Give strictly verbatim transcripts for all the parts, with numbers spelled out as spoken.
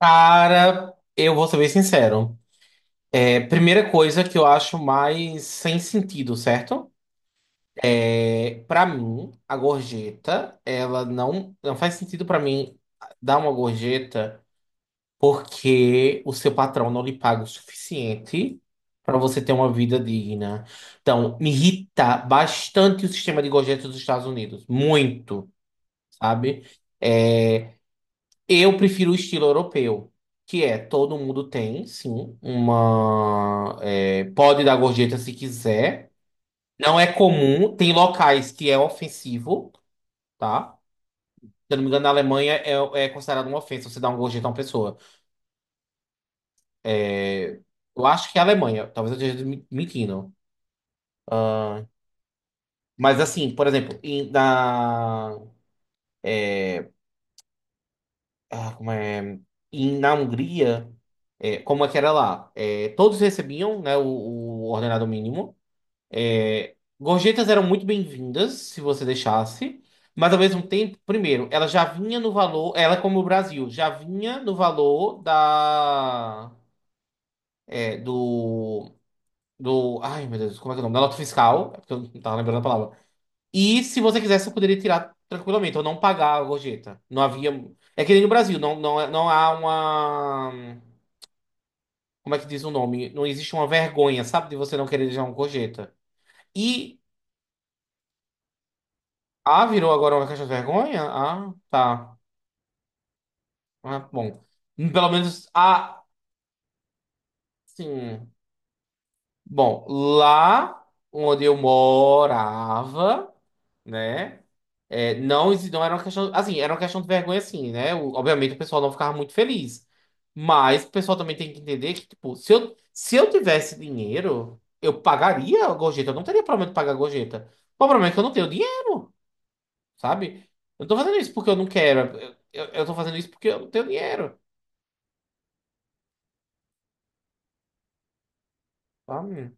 Cara, eu vou ser bem sincero. É, primeira coisa que eu acho mais sem sentido, certo? É, para mim, a gorjeta, ela não, não faz sentido pra mim dar uma gorjeta porque o seu patrão não lhe paga o suficiente pra você ter uma vida digna. Então, me irrita bastante o sistema de gorjetas dos Estados Unidos, muito, sabe? É, Eu prefiro o estilo europeu, que é todo mundo tem, sim, uma. É, pode dar gorjeta se quiser. Não é comum, tem locais que é ofensivo, tá? Se eu não me engano, na Alemanha é, é considerado uma ofensa você dar uma gorjeta a uma pessoa. É, Eu acho que é a Alemanha, talvez eu esteja me- mentindo. Ah, mas assim, por exemplo, em- na. Ah, como é? Em, na Hungria, é, como é que era lá? É, todos recebiam, né, o o ordenado mínimo. É, gorjetas eram muito bem-vindas, se você deixasse, mas ao mesmo tempo, primeiro, ela já vinha no valor, ela é como o Brasil, já vinha no valor da, é, do, do, ai meu Deus, como é que é o nome? Da nota fiscal, é porque eu não tava lembrando a palavra. E se você quisesse, você poderia tirar tranquilamente, ou não pagar a gorjeta. Não havia, é que nem no Brasil, não, não, é, não há uma, como é que diz o nome? Não existe uma vergonha, sabe, de você não querer deixar uma gorjeta. E Ah, virou agora uma caixa de vergonha? Ah, tá. Ah, bom. Pelo menos, ah, sim. Bom, lá onde eu morava, né? É, não, exi- não era uma questão. Assim, era uma questão de vergonha, assim, né? O- obviamente o pessoal não ficava muito feliz. Mas o pessoal também tem que entender que, tipo, se eu, se eu tivesse dinheiro, eu pagaria a gorjeta. Eu não teria problema de pagar a gorjeta. O problema é que eu não tenho dinheiro. Sabe? Eu não tô fazendo isso porque eu não quero. Eu, eu, eu tô fazendo isso porque eu não tenho dinheiro. Sabe?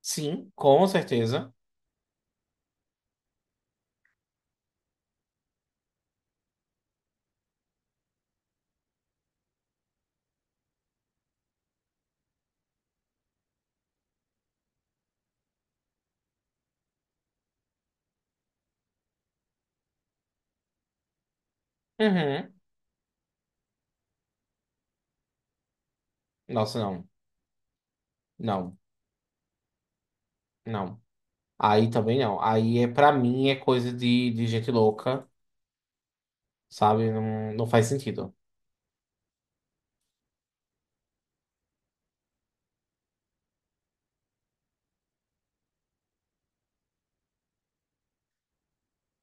Sim, com certeza. Uhum. Nossa, não. Não, não. Aí também não. Aí é pra mim é coisa de, de, gente louca, sabe? Não, não faz sentido.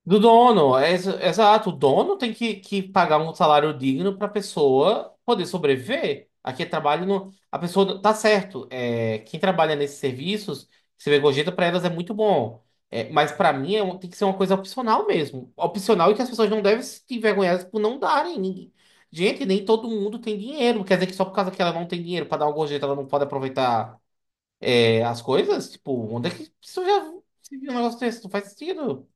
Do dono, é ex- exato. O dono tem que, que pagar um salário digno para a pessoa poder sobreviver. Aqui é trabalho no. A pessoa tá certo. É, quem trabalha nesses serviços, você vê gorjeta para elas é muito bom. É, mas para mim é um- tem que ser uma coisa opcional mesmo. Opcional e que as pessoas não devem se envergonhar por não darem. Ninguém- Gente, nem todo mundo tem dinheiro. Quer dizer que só por causa que ela não tem dinheiro para dar uma gorjeta, ela não pode aproveitar é, as coisas? Tipo, onde é que isso já se viu um negócio desse? Não faz sentido.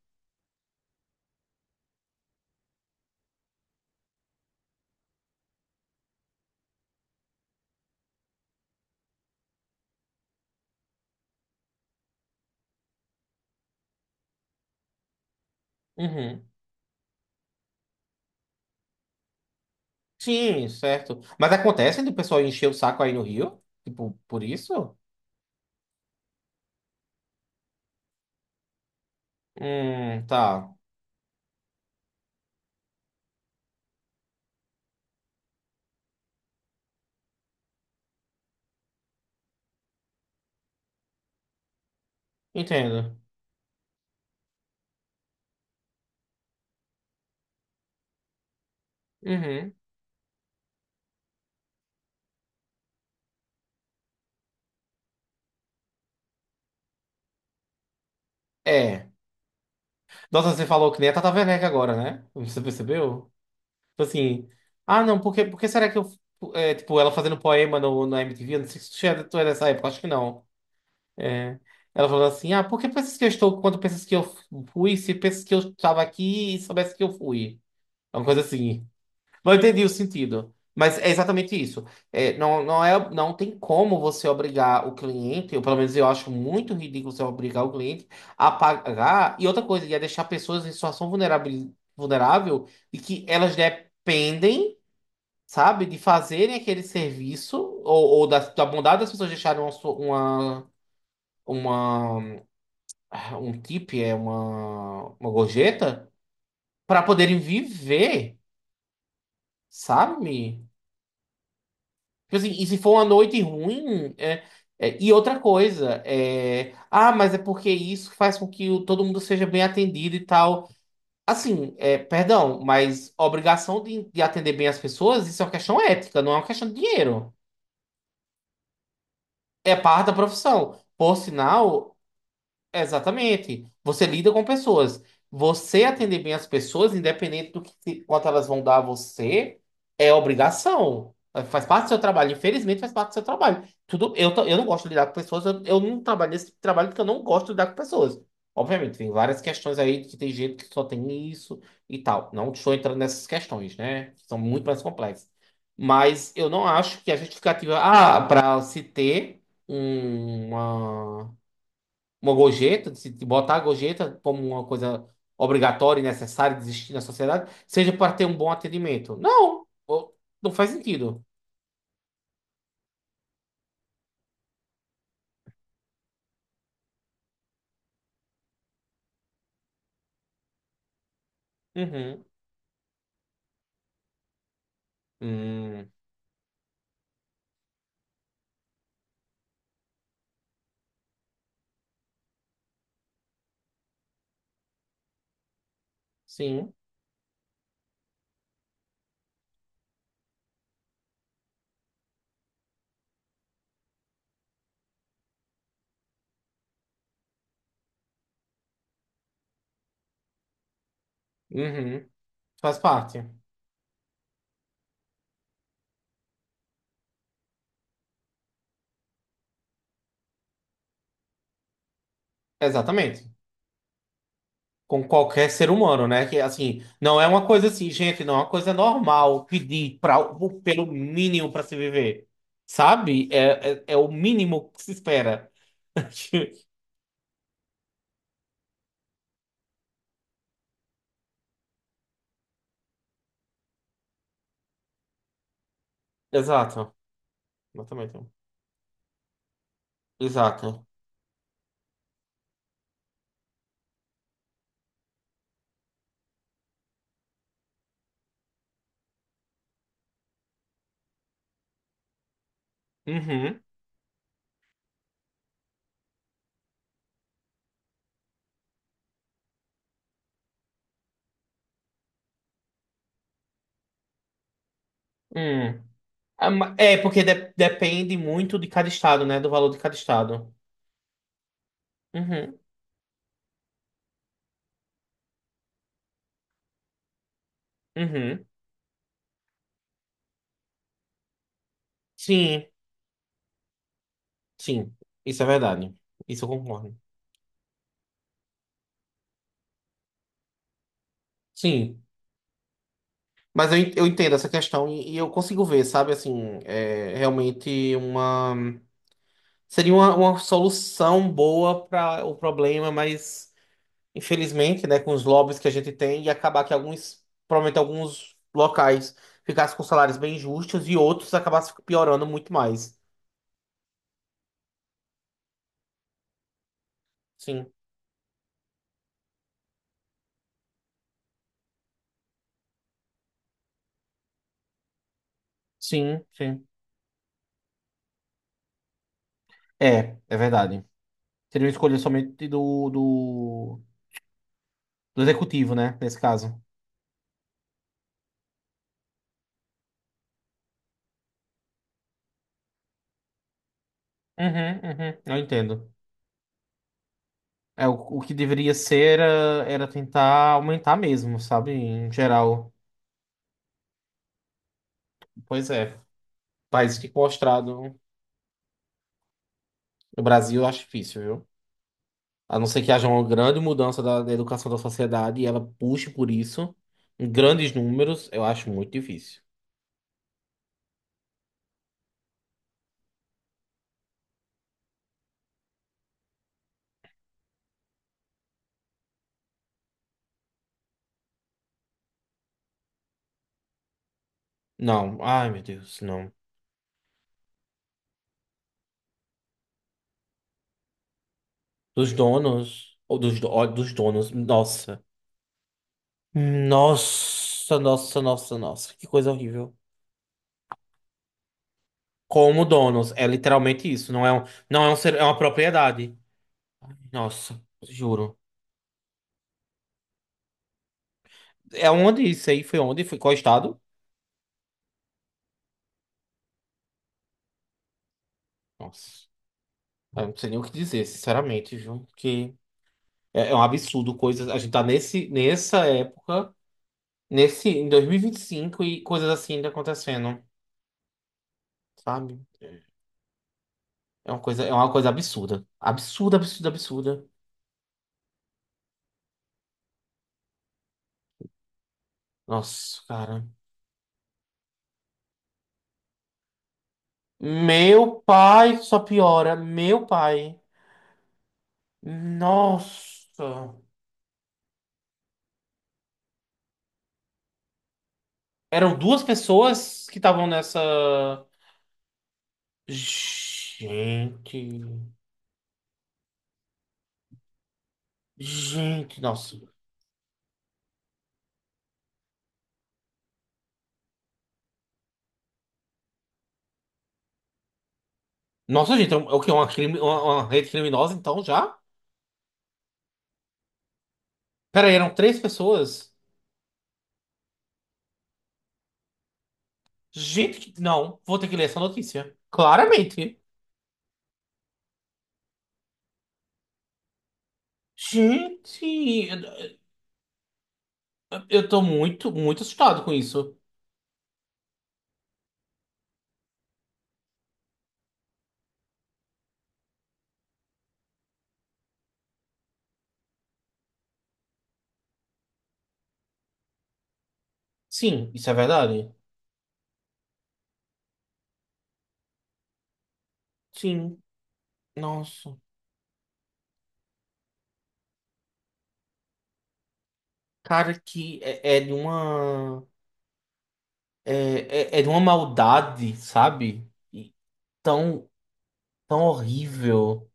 Uhum. Sim, certo. Mas acontece do pessoal encher o saco aí no Rio? Tipo, por isso? Hum, tá. Entendo. Uhum. É. Nossa, você falou que nem a Tata Werneck agora, né? Você percebeu? Tipo assim. Ah, não, porque, porque será que eu. É, tipo, ela fazendo poema no, na M T V? Eu não sei se tu é tu é dessa época, acho que não. É. Ela falou assim: Ah, por que pensas que eu estou quando pensas que eu fui? Se pensas que eu estava aqui e soubesse que eu fui. É uma coisa assim. Não entendi o sentido. Mas é exatamente isso. É, não, não é, não tem como você obrigar o cliente, ou pelo menos eu acho muito ridículo você obrigar o cliente a pagar. E outra coisa, ia deixar pessoas em situação vulnerável, vulnerável e que elas dependem, sabe, de fazerem aquele serviço ou, ou da, da, bondade das pessoas deixarem uma, su- uma, uma- um tip, é uma, uma gorjeta, para poderem viver, sabe? Tipo assim, e se for uma noite ruim, é- é- e outra coisa, é, ah, mas é porque isso faz com que o- todo mundo seja bem atendido e tal. Assim, é, perdão, mas a obrigação de, de atender bem as pessoas, isso é uma questão ética, não é uma questão de dinheiro. É parte da profissão. Por sinal, exatamente. Você lida com pessoas. Você atender bem as pessoas, independente do que quanto elas vão dar a você, é obrigação. Faz parte do seu trabalho. Infelizmente, faz parte do seu trabalho. Tudo, eu, to- eu não gosto de lidar com pessoas. Eu, eu não trabalho nesse tipo de trabalho porque eu não gosto de lidar com pessoas. Obviamente, tem várias questões aí que tem gente que só tem isso e tal. Não estou entrando nessas questões, né? São muito mais complexas. Mas eu não acho que a justificativa, ah, para se ter um, uma uma gorjeta, de se botar a gorjeta como uma coisa obrigatória e necessária de existir na sociedade, seja para ter um bom atendimento. Não, Ou- não faz sentido. Uhum. Hum, sim. Uhum. Faz parte. Exatamente. Com qualquer ser humano, né? Que assim, não é uma coisa assim, gente, não é uma coisa normal pedir pra, pelo mínimo para se viver. Sabe? É, é, é o mínimo que se espera. Exato. Exatamente. Exato. Uhum. Hum. Ah, ma- É, porque de- depende muito de cada estado, né? Do valor de cada estado. Uhum, uhum. Sim, sim. Isso é verdade. Isso eu concordo. Sim. Mas eu, en- eu entendo essa questão e, e eu consigo ver, sabe? Assim, é realmente uma. Seria uma, uma solução boa para o problema, mas infelizmente, né, com os lobbies que a gente tem, ia acabar que alguns, provavelmente alguns locais ficassem com salários bem justos e outros acabassem piorando muito mais. Sim. Sim, sim. É, é verdade. Seria uma escolha somente do, do, do executivo, né? Nesse caso. Uhum, uhum, eu entendo. É, o, o que deveria ser era, era tentar aumentar mesmo, sabe? Em geral. Pois é. País que mostrado no Brasil eu acho difícil, viu? A não ser que haja uma grande mudança da, da educação da sociedade e ela puxe por isso, em grandes números, eu acho muito difícil. Não, ai meu Deus, não. Dos donos, ou dos, do- ó, dos donos, nossa. Nossa, nossa, nossa, nossa. Que coisa horrível. Como donos, é literalmente isso. Não é um, não é um ser, é uma propriedade. Nossa, juro. É onde isso aí? Foi onde? Foi qual estado? Nossa, eu não sei nem o que dizer, sinceramente, viu? Que é, é um absurdo coisas. A gente tá nesse, nessa época, nesse, em dois mil e e vinte e cinco e coisas assim ainda acontecendo, sabe? É uma coisa, é uma coisa absurda. Absurda, absurda, absurda. Nossa, cara. Meu pai, só piora. Meu pai. Nossa. Eram duas pessoas que estavam nessa. Gente. Gente, nossa. Nossa, gente, é um- é o que? Uma, crime, uma, uma rede criminosa, então, já? Pera aí, eram três pessoas? Gente, que- não. Vou ter que ler essa notícia. Claramente. Gente, eu, eu tô muito, muito assustado com isso. Sim, isso é verdade. Sim. Nossa. Cara, que é, é de uma. É, é, é de uma maldade, sabe? E tão, tão horrível.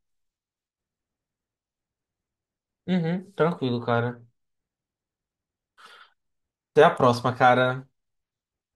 Uhum, tranquilo, cara. Até a próxima, cara.